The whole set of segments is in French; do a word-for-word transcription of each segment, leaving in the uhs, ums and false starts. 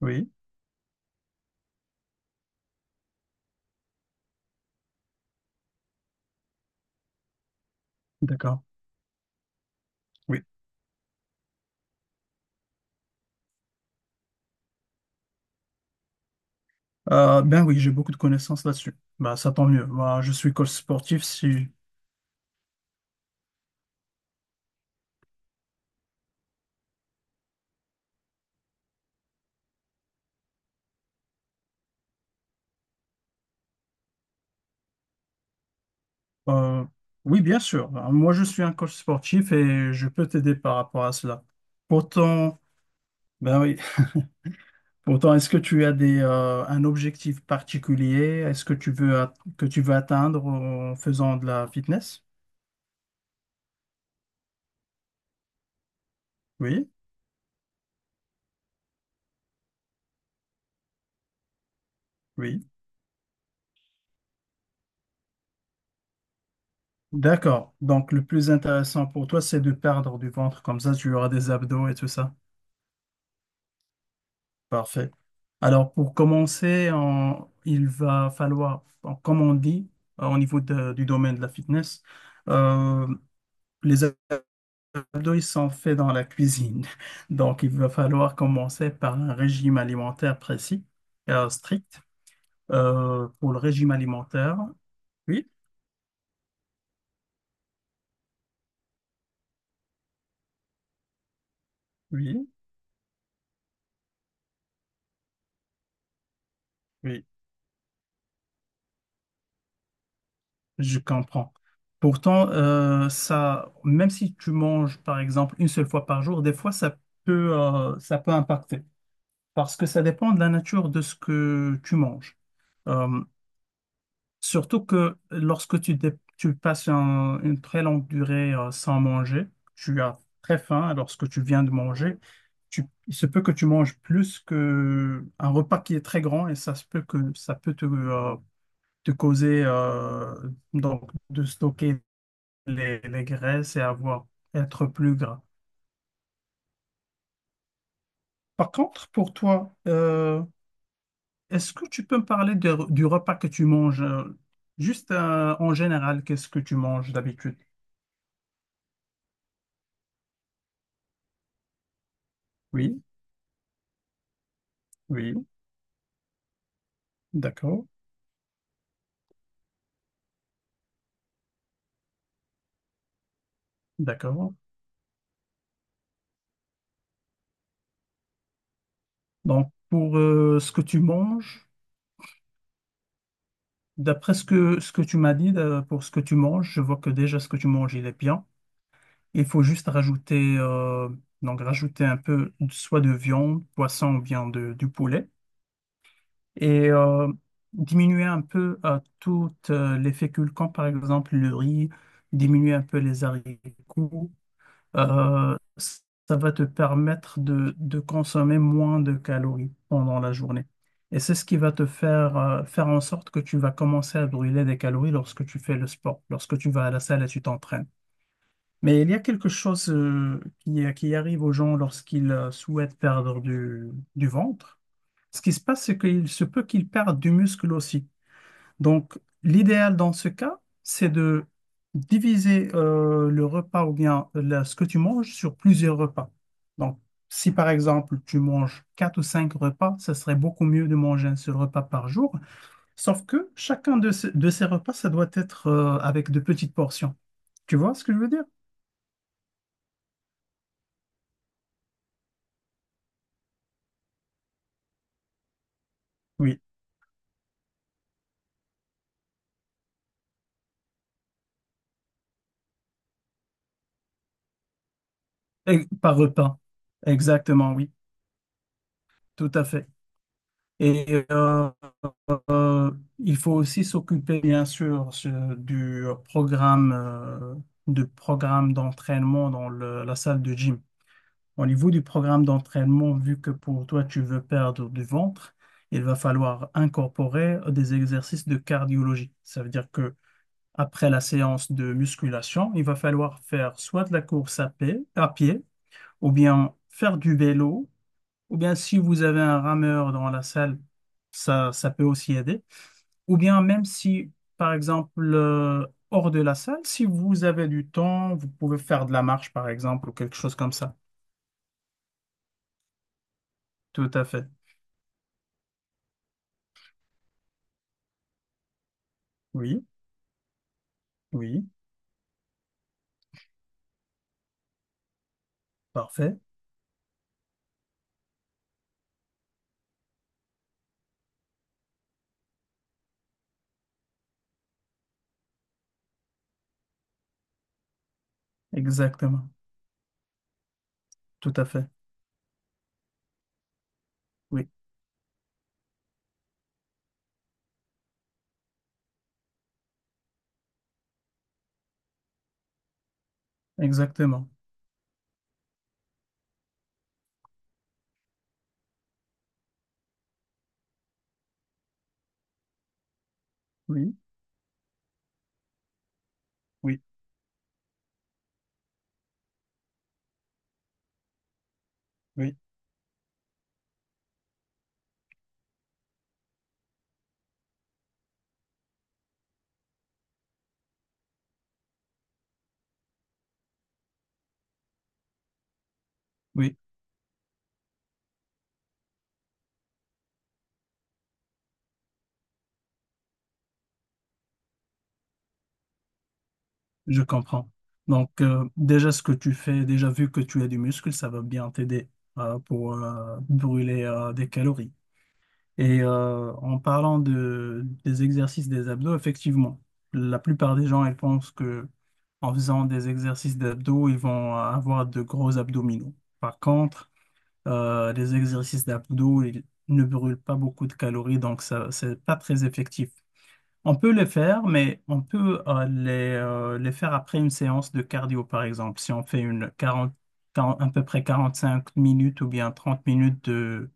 Oui, d'accord. Oui. Euh, ben oui, j'ai beaucoup de connaissances là-dessus. Ben, ça tant mieux. Moi, je suis coach sportif. Si... euh, Oui, bien sûr. Ben, moi, je suis un coach sportif et je peux t'aider par rapport à cela. Pourtant, ben oui. Pourtant, est-ce que tu as des, euh, un objectif particulier? Est-ce que tu veux at- que tu veux atteindre en faisant de la fitness? Oui, oui. D'accord. Donc, le plus intéressant pour toi, c'est de perdre du ventre. Comme ça, tu auras des abdos et tout ça. Parfait. Alors, pour commencer, on- il va falloir, bon, comme on dit, euh, au niveau de- du domaine de la fitness, euh, les abdos, ils sont faits dans la cuisine. Donc, il va falloir commencer par un régime alimentaire précis, euh, strict. Euh, pour le régime alimentaire, oui, oui, oui. Je comprends. Pourtant, euh, ça, même si tu manges, par exemple, une seule fois par jour, des fois, ça peut, euh, ça peut impacter. Parce que ça dépend de la nature de ce que tu manges. Euh, Surtout que lorsque tu, dé- tu passes un- une très longue durée, euh, sans manger, tu as très faim lorsque tu viens de manger. Tu, il se peut que tu manges plus que un repas qui est très grand et ça se peut que ça peut te, euh, te causer euh, donc de stocker les, les graisses et avoir, être plus gras. Par contre, pour toi, euh, est-ce que tu peux me parler de- du repas que tu manges? euh, Juste euh, en général, qu'est-ce que tu manges d'habitude? Oui, oui, d'accord, d'accord. Donc, pour euh, ce que tu manges, d'après ce que, ce que tu m'as dit, euh, pour ce que tu manges, je vois que déjà ce que tu manges, il est bien. Il faut juste rajouter, euh, donc rajouter un peu soit de viande, poisson ou bien de, du poulet. Et euh, diminuer un peu euh, toutes euh, les féculents, par exemple le riz, diminuer un peu les haricots, euh, s- ça va te permettre de, de consommer moins de calories pendant la journée. Et c'est ce qui va te faire euh, faire en sorte que tu vas commencer à brûler des calories lorsque tu fais le sport, lorsque tu vas à la salle et tu t'entraînes. Mais il y a quelque chose euh, qui, qui arrive aux gens lorsqu'ils euh, souhaitent perdre du, du ventre. Ce qui se passe, c'est qu'il se peut qu'il perde du muscle aussi. Donc, l'idéal dans ce cas, c'est de diviser euh, le repas ou bien la- ce que tu manges sur plusieurs repas. Donc, si par exemple tu manges quatre ou cinq repas, ce serait beaucoup mieux de manger un seul repas par jour. Sauf que chacun de, ce- de ces repas, ça doit être euh, avec de petites portions. Tu vois ce que je veux dire? Oui. Et par repas. Exactement, oui. Tout à fait. Et euh, Euh, il faut aussi s'occuper, bien sûr, ce- du programme, euh, du programme d'entraînement dans le- la salle de gym. Au niveau du programme d'entraînement, vu que pour toi, tu veux perdre du ventre, il va falloir incorporer des exercices de cardiologie. Ça veut dire que après la séance de musculation, il va falloir faire soit de la course à pied, à pied, ou bien faire du vélo, ou bien si vous avez un rameur dans la salle, ça, ça peut aussi aider. Ou bien même si, par exemple, euh, hors de la salle, si vous avez du temps, vous pouvez faire de la marche, par exemple, ou quelque chose comme ça. Tout à fait. Oui, oui, parfait. Exactement. Tout à fait. Oui, exactement. Oui, oui, oui, oui, je comprends. Donc, euh, déjà ce que tu fais, déjà vu que tu as du muscle, ça va bien t'aider euh, pour euh, brûler euh, des calories. Et euh, en parlant de, des exercices des abdos, effectivement, la plupart des gens, ils pensent que en faisant des exercices d'abdos, ils vont avoir de gros abdominaux. Par contre, euh, les exercices d'abdos, ils ne brûlent pas beaucoup de calories, donc ça, c'est pas très effectif. On peut les faire, mais on peut euh, les, euh, les faire après une séance de cardio, par exemple. Si on fait une quarante, 40 à peu près quarante-cinq minutes ou bien trente minutes de,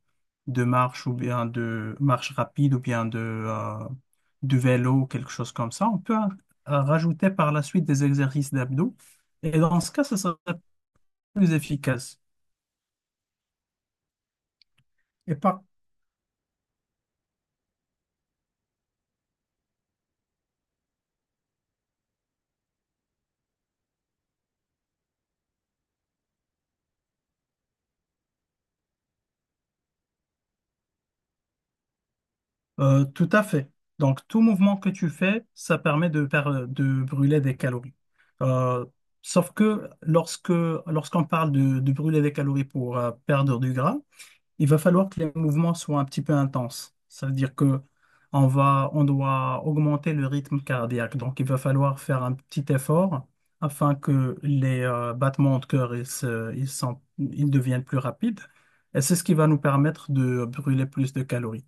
de marche ou bien de marche rapide ou bien de, euh, de vélo, quelque chose comme ça, on peut euh, rajouter par la suite des exercices d'abdos. Et dans ce cas, ce serait plus efficace. Et par Euh, tout à fait. Donc, tout mouvement que tu fais, ça permet de, per- de brûler des calories. Euh, Sauf que lorsque, lorsqu'on parle de, de brûler des calories pour euh, perdre du gras, il va falloir que les mouvements soient un petit peu intenses. Ça veut dire que on va, on doit augmenter le rythme cardiaque. Donc, il va falloir faire un petit effort afin que les euh, battements de cœur ils, se- ils sont- ils deviennent plus rapides. Et c'est ce qui va nous permettre de brûler plus de calories.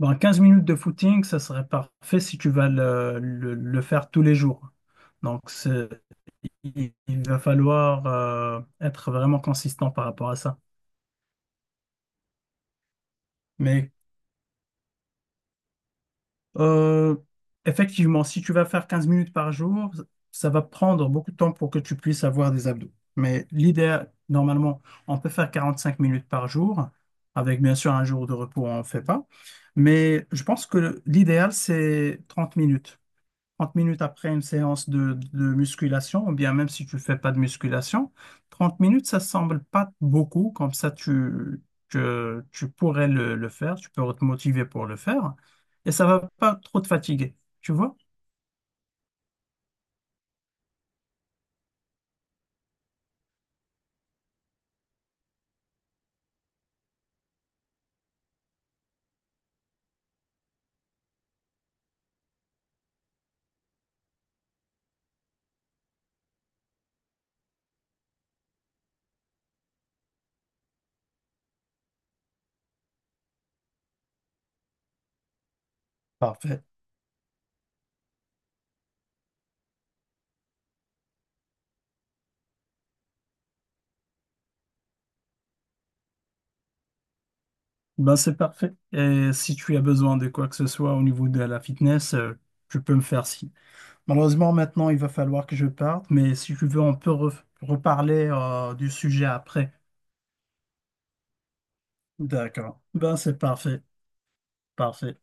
Bon, quinze minutes de footing, ça serait parfait si tu vas le, le- le faire tous les jours. Donc, c'est- il, il va falloir euh, être vraiment consistant par rapport à ça. Mais Euh, effectivement, si tu vas faire quinze minutes par jour, ça va prendre beaucoup de temps pour que tu puisses avoir des abdos. Mais l'idéal, normalement, on peut faire quarante-cinq minutes par jour, avec bien sûr un jour de repos, on ne fait pas. Mais je pense que l'idéal, c'est trente minutes. trente minutes après une séance de, de musculation, ou bien même si tu fais pas de musculation, trente minutes, ça semble pas beaucoup, comme ça tu, que tu pourrais le, le faire, tu peux te motiver pour le faire, et ça va pas trop te fatiguer, tu vois? Parfait. Ben c'est parfait. Et si tu as besoin de quoi que ce soit au niveau de la fitness, euh, tu peux me faire signe. Malheureusement, maintenant, il va falloir que je parte, mais si tu veux, on peut re- reparler euh, du sujet après. D'accord. Ben c'est parfait. Parfait.